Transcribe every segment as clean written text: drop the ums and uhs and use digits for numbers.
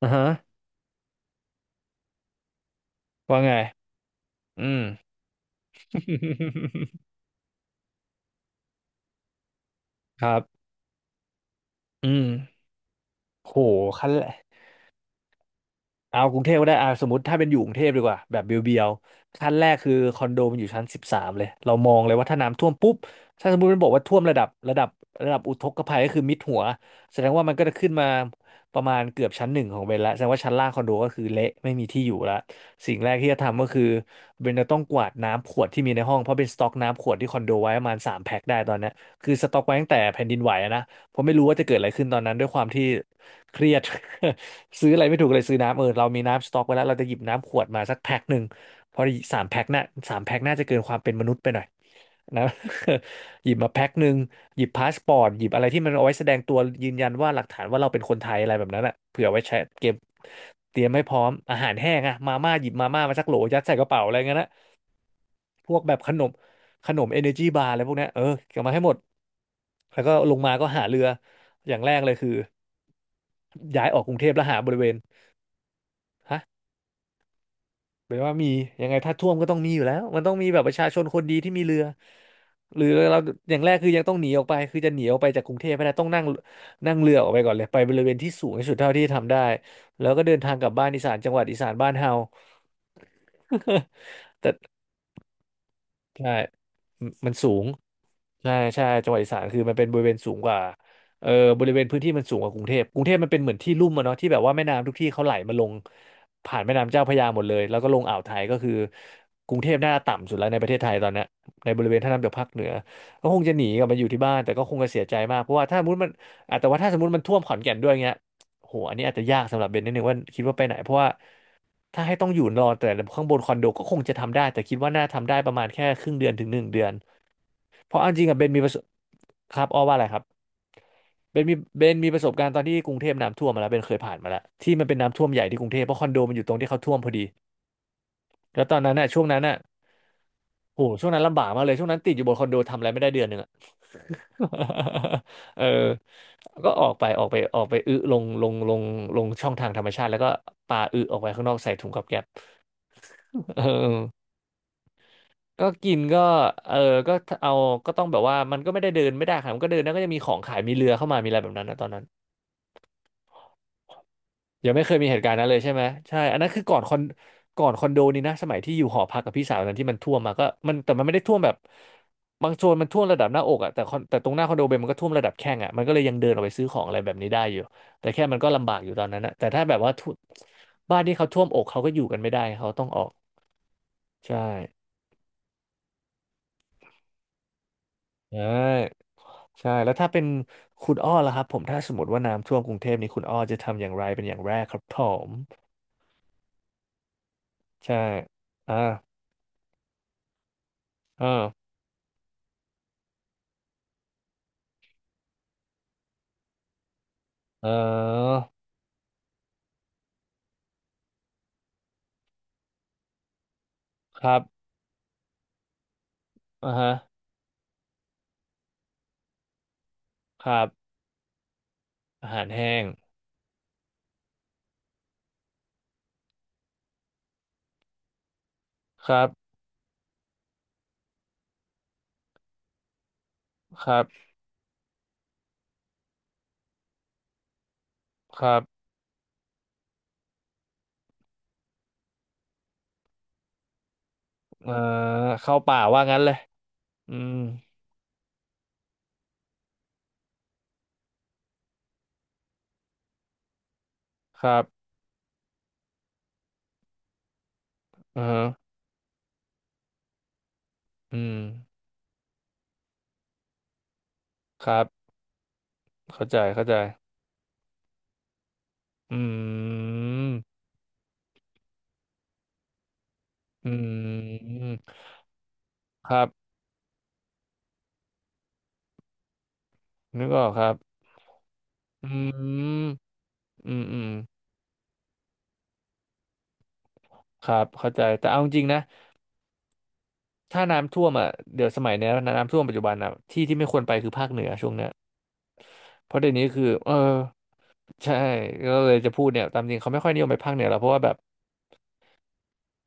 อ่าฮะว่าไง อืม ครับ อืม โหขั้นแรก เอากรุงเทพก็ได้อ่าสมมติถ้าเป็นอยู่กรุงเทพดีกว่า แบบเบียวๆขั้นแรกคือคอนโดมันอยู่ชั้น13เลย เรามองเลยว่าถ้าน้ำท่วมปุ๊บถ้าสมมติมันบอกว่าท่วมระดับอุทกภัยก็คือมิดหัวแสดงว่ามันก็จะขึ้นมาประมาณเกือบชั้นหนึ่งของเบนละแสดงว่าชั้นล่างคอนโดก็คือเละไม่มีที่อยู่ละสิ่งแรกที่จะทำก็คือเบนจะต้องกวาดน้ำขวดที่มีในห้องเพราะเป็นสต็อกน้ำขวดที่คอนโดไว้ประมาณสามแพ็คได้ตอนเนี้ยคือสต็อกไว้ตั้งแต่แผ่นดินไหวอะนะเพราะไม่รู้ว่าจะเกิดอะไรขึ้นตอนนั้นด้วยความที่เครียด ซื้ออะไรไม่ถูกเลยซื้อน้ำเรามีน้ำสต็อกไว้แล้วเราจะหยิบน้ำขวดมาสักแพ็คหนึ่งเพราะสามแพ็คน่ะสามแพ็คน่าจะเกินความเป็นมนุษย์ไปหน่อยนะ หยิบมาแพ็คหนึ่งหยิบพาสปอร์ตหยิบอะไรที่มันเอาไว้แสดงตัวยืนยันว่าหลักฐานว่าเราเป็นคนไทยอะไรแบบนั้นอ่ะเผื่อไว้ใช้เก็บเตรียมให้พร้อมอาหารแห้งอะมาม่าหยิบมาม่ามาสักโหลยัดใส่กระเป๋าอะไรเงี้ยนะพวกแบบขนมเอเนอร์จีบาร์อะไรพวกเนี้ยเก็บมาให้หมดแล้วก็ลงมาก็หาเรืออย่างแรกเลยคือย้ายออกกรุงเทพแล้วหาบริเวณฮะ แปลว่ามียังไงถ้าท่วมก็ต้องมีอยู่แล้วมันต้องมีแบบประชาชนคนดีที่มีเรือหรือเราอย่างแรกคือยังต้องหนีออกไปคือจะหนีออกไปจากกรุงเทพไม่ได้ต้องนั่งนั่งเรือออกไปก่อนเลยไปบริเวณที่สูงที่สุดเท่าที่ทำได้แล้วก็เดินทางกลับบ้านอีสานจังหวัดอีสานบ้านเฮา แต่ ใช่มมันสูงใช่ใช่จังหวัดอีสานคือมันเป็นบริเวณสูงกว่าเออบริเวณพื้นที่มันสูงกว่ากรุงเทพกรุงเทพมันเป็นเหมือนที่ลุ่มอะเนาะที่แบบว่าแม่น้ำทุกที่เขาไหลมาลงผ่านแม่น้ำเจ้าพระยาหมดเลยแล้วก็ลงอ่าวไทยก็คือกรุงเทพน่าจะต่ำสุดแล้วในประเทศไทยตอนเนี้ยในบริเวณท่าน้ำจากภาคเหนือก็คงจะหนีกลับมาอยู่ที่บ้านแต่ก็คงจะเสียใจมากเพราะว่าถ้าสมมติมันอ่ะแต่ว่าถ้าสมมติมันท่วมขอนแก่นด้วยเงี้ยโหอันนี้อาจจะยากสำหรับเบนนิดนึงว่าคิดว่าไปไหนเพราะว่า ถ้าให้ต้องอยู่รอแต่ข้างบนคอนโดก็คงจะทำได้แต่คิดว่าน่าทำได้ประมาณแค่ครึ่งเดือนถึง 1 เดือนเพราะเอาจริงอะเบนมีประสบครับอ้อว่าอะไรครับเบนมีประสบการณ์ตอนที่กรุงเทพน้ำท่วมมาแล้วเบนเคยผ่านมาแล้วที่มันเป็นน้ำท่วมใหญ่ที่กรุงเทพเพราะคอนโดมันอยู่ตรงที่เขาท่วมพอดีแล้วตอนนั้นน่ะช่วงนั้นน่ะโหช่วงนั้นลำบากมากเลยช่วงนั้นติดอยู่บนคอนโดทำอะไรไม่ได้เดือนหนึ่งอะ เออก็ออกไปออกไปออกไปอึลงลงช่องทางธรรมชาติแล้วก็ปาอึออกไปข้างนอกใส่ถุงกับแก๊ป เออ ก็กินก็เออก็เอาก็ต้องแบบว่ามันก็ไม่ได้เดินไม่ได้ครับมันก็เดินแล้วก็จะมีของขายมีเรือเข้ามามีอะไรแบบนั้นนะตอนนั้นยังไม่เคยมีเหตุการณ์นั้นเลยใช่ไหมใช่อันนั้นคือก่อนคอนโดนี้นะสมัยที่อยู่หอพักกับพี่สาวตอนนั้นที่มันท่วมมาก็มันแต่มันไม่ได้ท่วมแบบบางโซนมันท่วมระดับหน้าอกอ่ะแต่คอนแต่ตรงหน้าคอนโดเบนมันก็ท่วมระดับแข้งอ่ะมันก็เลยยังเดินออกไปซื้อของอะไรแบบนี้ได้อยู่แต่แค่มันก็ลำบากอยู่ตอนนั้นนะแต่ถ้าแบบว่าท่วบ้านที่เขาท่วมอกเขาก็อยู่กันไม่ได้เขาต้องออกใช่ใช่ ใช่แล้วถ้าเป็นคุณอ้อล่ะครับผมถ้าสมมติว่าน้ำท่วมกรุงเทพนี่คุณอ้อจะทำอย่างไรเป็นอย่างแรกครับผมใช่อ่าอ่าเออครับอ่าฮะครับอาหารแห้งครับครับครับเอ่อเข้าป่าว่างั้นเลยอืมครับอ่าฮะอืมครับเข้าใจเข้าใจอืมอืมครับนึกออกครับอืมอืมอืมครับเข้าใจแต่เอาจริงนะ ถ้าน้ำท่วมอ่ะเดี๋ยวสมัยเนี้ยน้ำท่วมปัจจุบันอ่ะที่ไม่ควรไปคือภาคเหนือช่วงเนี้ยเพราะเดี๋ยวนี้คือใช่ก็เลยจะพูดเนี่ยตามจริงเขาไม่ค่อยนิยมไปภาคเหนือล้วเพราะว่าแบบ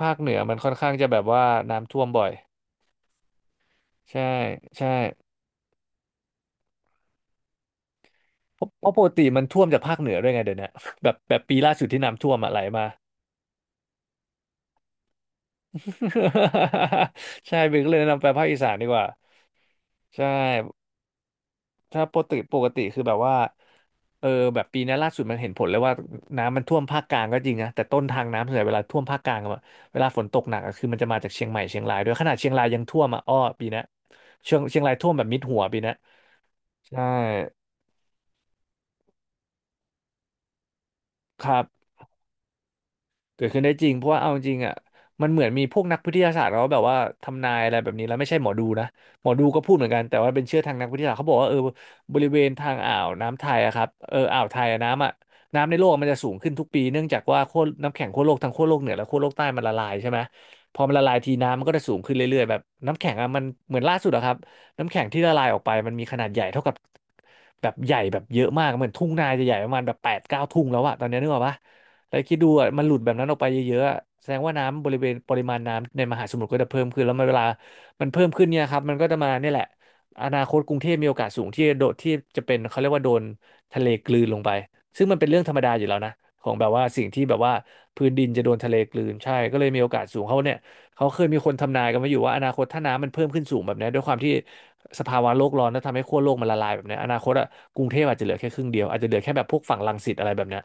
ภาคเหนือมันค่อนข้างจะแบบว่าน้ำท่วมบ่อยใช่ใช่เพราะปกติมันท่วมจากภาคเหนือด้วยไงเดี๋ยวเนี้ยแบบปีล่าสุดที่น้ำท่วมอ่ะไหลมา ใช่เบนก็เลยแนะนำไปภาคอีสานดีกว่าใช่ ถ้าปกติคือแบบว่าเออแบบปีนี้ล่าสุดมันเห็นผลเลยว่าน้ำมันท่วมภาคกลางก็จริงนะแต่ต้นทางน้ำส่วนใหญ่เวลาท่วมภาคกลางอะเวลาฝนตกหนักอะคือมันจะมาจากเชียงใหม่เชียงรายด้วยขนาดเชียงรายยังท่วมอ่ะอ้อปีนี้เชียงรายท่วมแบบมิดหัวปีนี้ใช่ครับ เกิดขึ้นได้จริงเพราะว่าเอาจริงอ่ะมันเหมือนมีพวกนักวิทยาศาสตร์เขาแบบว่าทำนายอะไรแบบนี้แล้วไม่ใช่หมอดูนะหมอดูก็พูดเหมือนกันแต่ว่าเป็นเชื่อทางนักวิทยาศาสตร์เขาบอกว่าบริเวณทางอ่าวน้ำไทยอะครับอ่าวไทยอะน้ำในโลกมันจะสูงขึ้นทุกปีเนื่องจากว่าขั้วน้ำแข็งขั้วโลกทั้งขั้วโลกเหนือและขั้วโลกใต้มันละลายใช่ไหมพอมันละลายทีน้ำมันก็จะสูงขึ้นเรื่อยๆแบบน้ำแข็งอะมันเหมือนล่าสุดอะครับน้ำแข็งที่ละลายออกไปมันมีขนาดใหญ่เท่ากับแบบใหญ่แบบเยอะมากเหมือนทุ่งนาจะใหญ่ประมาณแบบแปดเก้าทุ่งแล้วอะตอนนี้นึกออกปะ แต่คิดดูอ่ะมันหลุดแบบนั้นออกไปเยอะๆอะแสดงว่าน้ำบริเวณปริมาณน้ำในมหาสมุทรก็จะเพิ่มขึ้นแล้วมันเวลามันเพิ่มขึ้นเนี่ยครับมันก็จะมาเนี่ยแหละอนาคตกรุงเทพมีโอกาสสูงที่โดดที่จะเป็นเขาเรียกว่าโดนทะเลกลืนลงไปซึ่งมันเป็นเรื่องธรรมดาอยู่แล้วนะของแบบว่าสิ่งที่แบบว่าพื้นดินจะโดนทะเลกลืนใช่ก็เลยมีโอกาสสูงเขาเนี่ยเขาเคยมีคนทำนายกันมาอยู่ว่าอนาคตถ้าน้ำมันเพิ่มขึ้นสูงแบบเนี้ยด้วยความที่สภาวะโลกร้อนแล้วทำให้ขั้วโลกมันละลายแบบเนี้ยอนาคตอะกรุงเทพอาจจะเหลือแค่ครึ่งเดียวอาจจะเหลือแค่แบบพวกฝั่งรังสิตอะไรแบบเนี้ย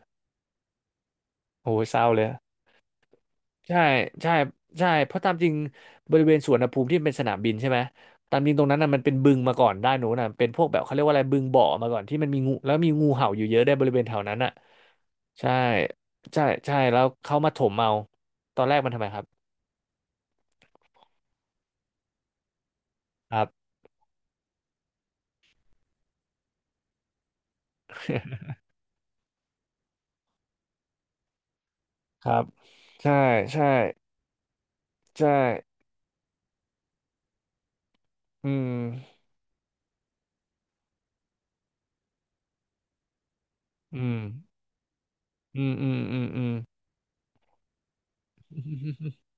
โอ้ยเศร้าเลย ใช่ใช่ใช่เพราะตามจริงบริเวณสวนอุณหภูมิที่เป็นสนามบินใช่ไหมตามจริงตรงนั้นน่ะมันเป็นบึงมาก่อนด้านโน้นน่ะเป็นพวกแบบเขาเรียกว่าอะไรบึงบ่อมาก่อนที่มันมีงูแล้วมีงูเห่าอยู่เยอะได้วยบริเวณแถวนั้นน่ะใช่ใช่ใช่แล้วเขามาถมเอาตอนแรกมันทำไมครับครับ ครับใช่ใช่ใช่อืมอืมอืมอืมอืม อืม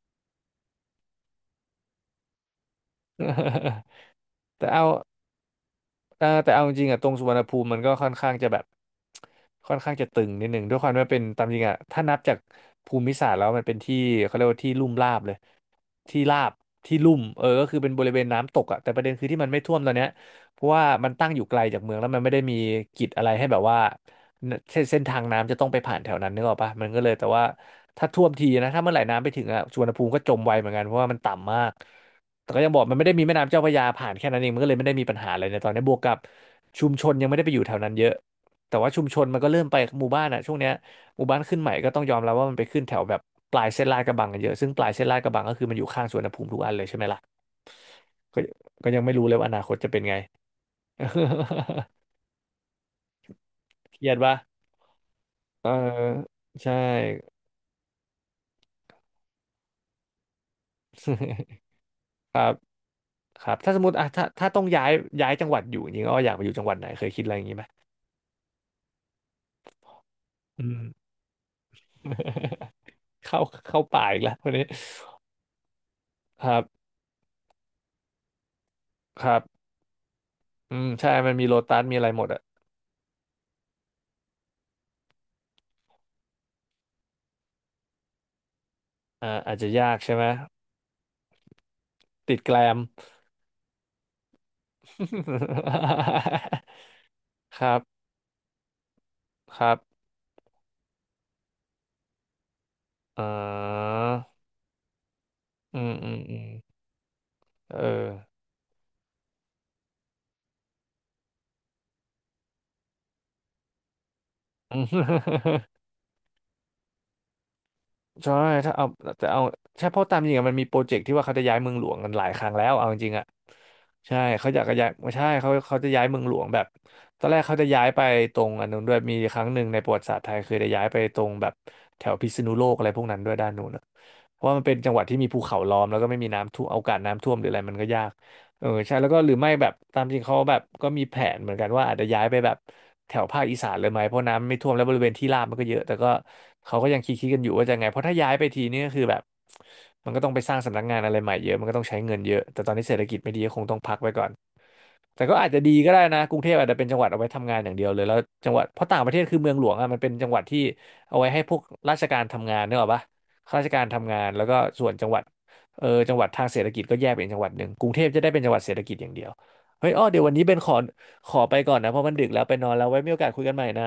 แต่เอา อ่าแต่เอาจริงๆอ่ะตรงสุวรรณภูมิมันก็ค่อนข้างจะแบบค่อนข้างจะตึงนิดหนึ่งด้วยความที่ว่าเป็นตามจริงอ่ะถ้านับจากภูมิศาสตร์แล้วมันเป็นที่เขาเรียกว่าที่ลุ่มราบเลยที่ราบที่ลุ่มก็คือเป็นบริเวณน้ำตกอ่ะแต่ประเด็นคือที่มันไม่ท่วมตอนเนี้ยเพราะว่ามันตั้งอยู่ไกลจากเมืองแล้วมันไม่ได้มีกิจอะไรให้แบบว่าเส้นทางน้ำจะต้องไปผ่านแถวนั้นนึกออกปะมันก็เลยแต่ว่า ถ้าท่วมทีนะถ้าเมื่อไหร่น้ำไปถึงอะสุวรรณภูมิก็จมไวเหมือนกันเพราะว่ามันต่ำมากแต่ก็ยังบอกมันไม่ได้มีแม่น้ำเจ้าพระยาผ่านแค่นั้นเองมันก็เลยไม่ได้มีปัญหาอะไรในตอนนี้บวกกับชุมชนยังไม่ได้ไปอยู่แถวนั้นเยอะแต่ว่าชุมชนมันก็เริ่มไปหมู่บ้านอะช่วงเนี้ยหมู่บ้านขึ้นใหม่ก็ต้องยอมรับว่ามันไปขึ้นแถวแบบปลายเส้นลาดกระบังกันเยอะซึ่งปลายเส้นลาดกระบังก็คือมันอยู่ข้างสุวรรณภูมิทุกอันเลยใช่ไหมล่ะก็ก็ยังไม่รู้เลยว่าอนาคตจะเป็นไง เครียดปะเออใช่ ครับ ครับถ้าสมมติอ่ะถ้าต้องย้ายย้ายจังหวัดอยู่จริงๆก็อยากไปอยู่จังหวัดไหนเคยคิดอะไรอย่างนี้ไหมอืม เข้าเข้าป่าอีกแล้วคนนี้ครับครับอืมใช่มันมีโลตัสมีอะไรหมดอ่ะอ่าอาจจะยากใช่ไหม ติดแกลม ครับครับอ่าอืมอืมอืมเออ ใช่ถ้าเอาแต่เอาใช่เพราะตามจริงอะมันมีโปรเจกต์ที่ว่าเขาจะย้ายเมืองหลวงกันหลายครั้งแล้วเอาจริงๆอะใช่เขาอยากจะย้ายไม่ใช่เขาจะย้ายเมืองหลวงแบบตอนแรกเขาจะย้ายไปตรงอันนู้นด้วยมีครั้งหนึ่งในประวัติศาสตร์ไทยเคยได้ย้ายไปตรงแบบแถวพิษณุโลกอะไรพวกนั้นด้วยด้านนู้นอะเพราะว่ามันเป็นจังหวัดที่มีภูเขาล้อมแล้วก็ไม่มีน้ำท่วมโอกาสน้ำท่วมหรืออะไรมันก็ยาก เออใช่แล้วก็หรือไม่แบบตามจริงเขาแบบก็มีแผนเหมือนกันว่าอาจจะย้ายไปแบบแถวภาคอีสานเลยไหมเพราะน้ำไม่ท่วมแล้วบริเวณที่ราบมันก็เยอะแต่ก็เขาก็ยังคิดกันอยู่ว่าจะไงเพราะถ้าย้ายไปทีนี่ก็คือแบบมันก็ต้องไปสร้างสำนักงานอะไรใหม่เยอะมันก็ต้องใช้เงินเยอะแต่ตอนนี้เศรษฐกิจไม่ดีก็คงต้องพักไว้ก่อน แต่ก็อาจจะดีก็ได้นะกรุงเทพอาจจะเป็นจังหวัดเอาไว้ทำงานอย่างเดียวเลยแล้วจังหวัดเพราะต่างประเทศคือเมืองหลวงอ่ะมันเป็นจังหวัดที่เอาไว้ให้พวกราชการทำงานเนกอะปะข้าราชการทำงานแล้วก็ส่วนจังหวัดเออจังหวัดทางเศรษฐกิจก็แยกเป็นจังหวัดหนึ่งกรุงเทพจะได้เป็นจังหวัดเศรษฐกิจอย่างเดียวเฮ้ยอ้อเดี๋ยววันนี้เบนขอขอไปก่อนนะเพราะมันดึกแล้วไปนอนแล้วไว้มีโอกาสคุยกันใหม่นะ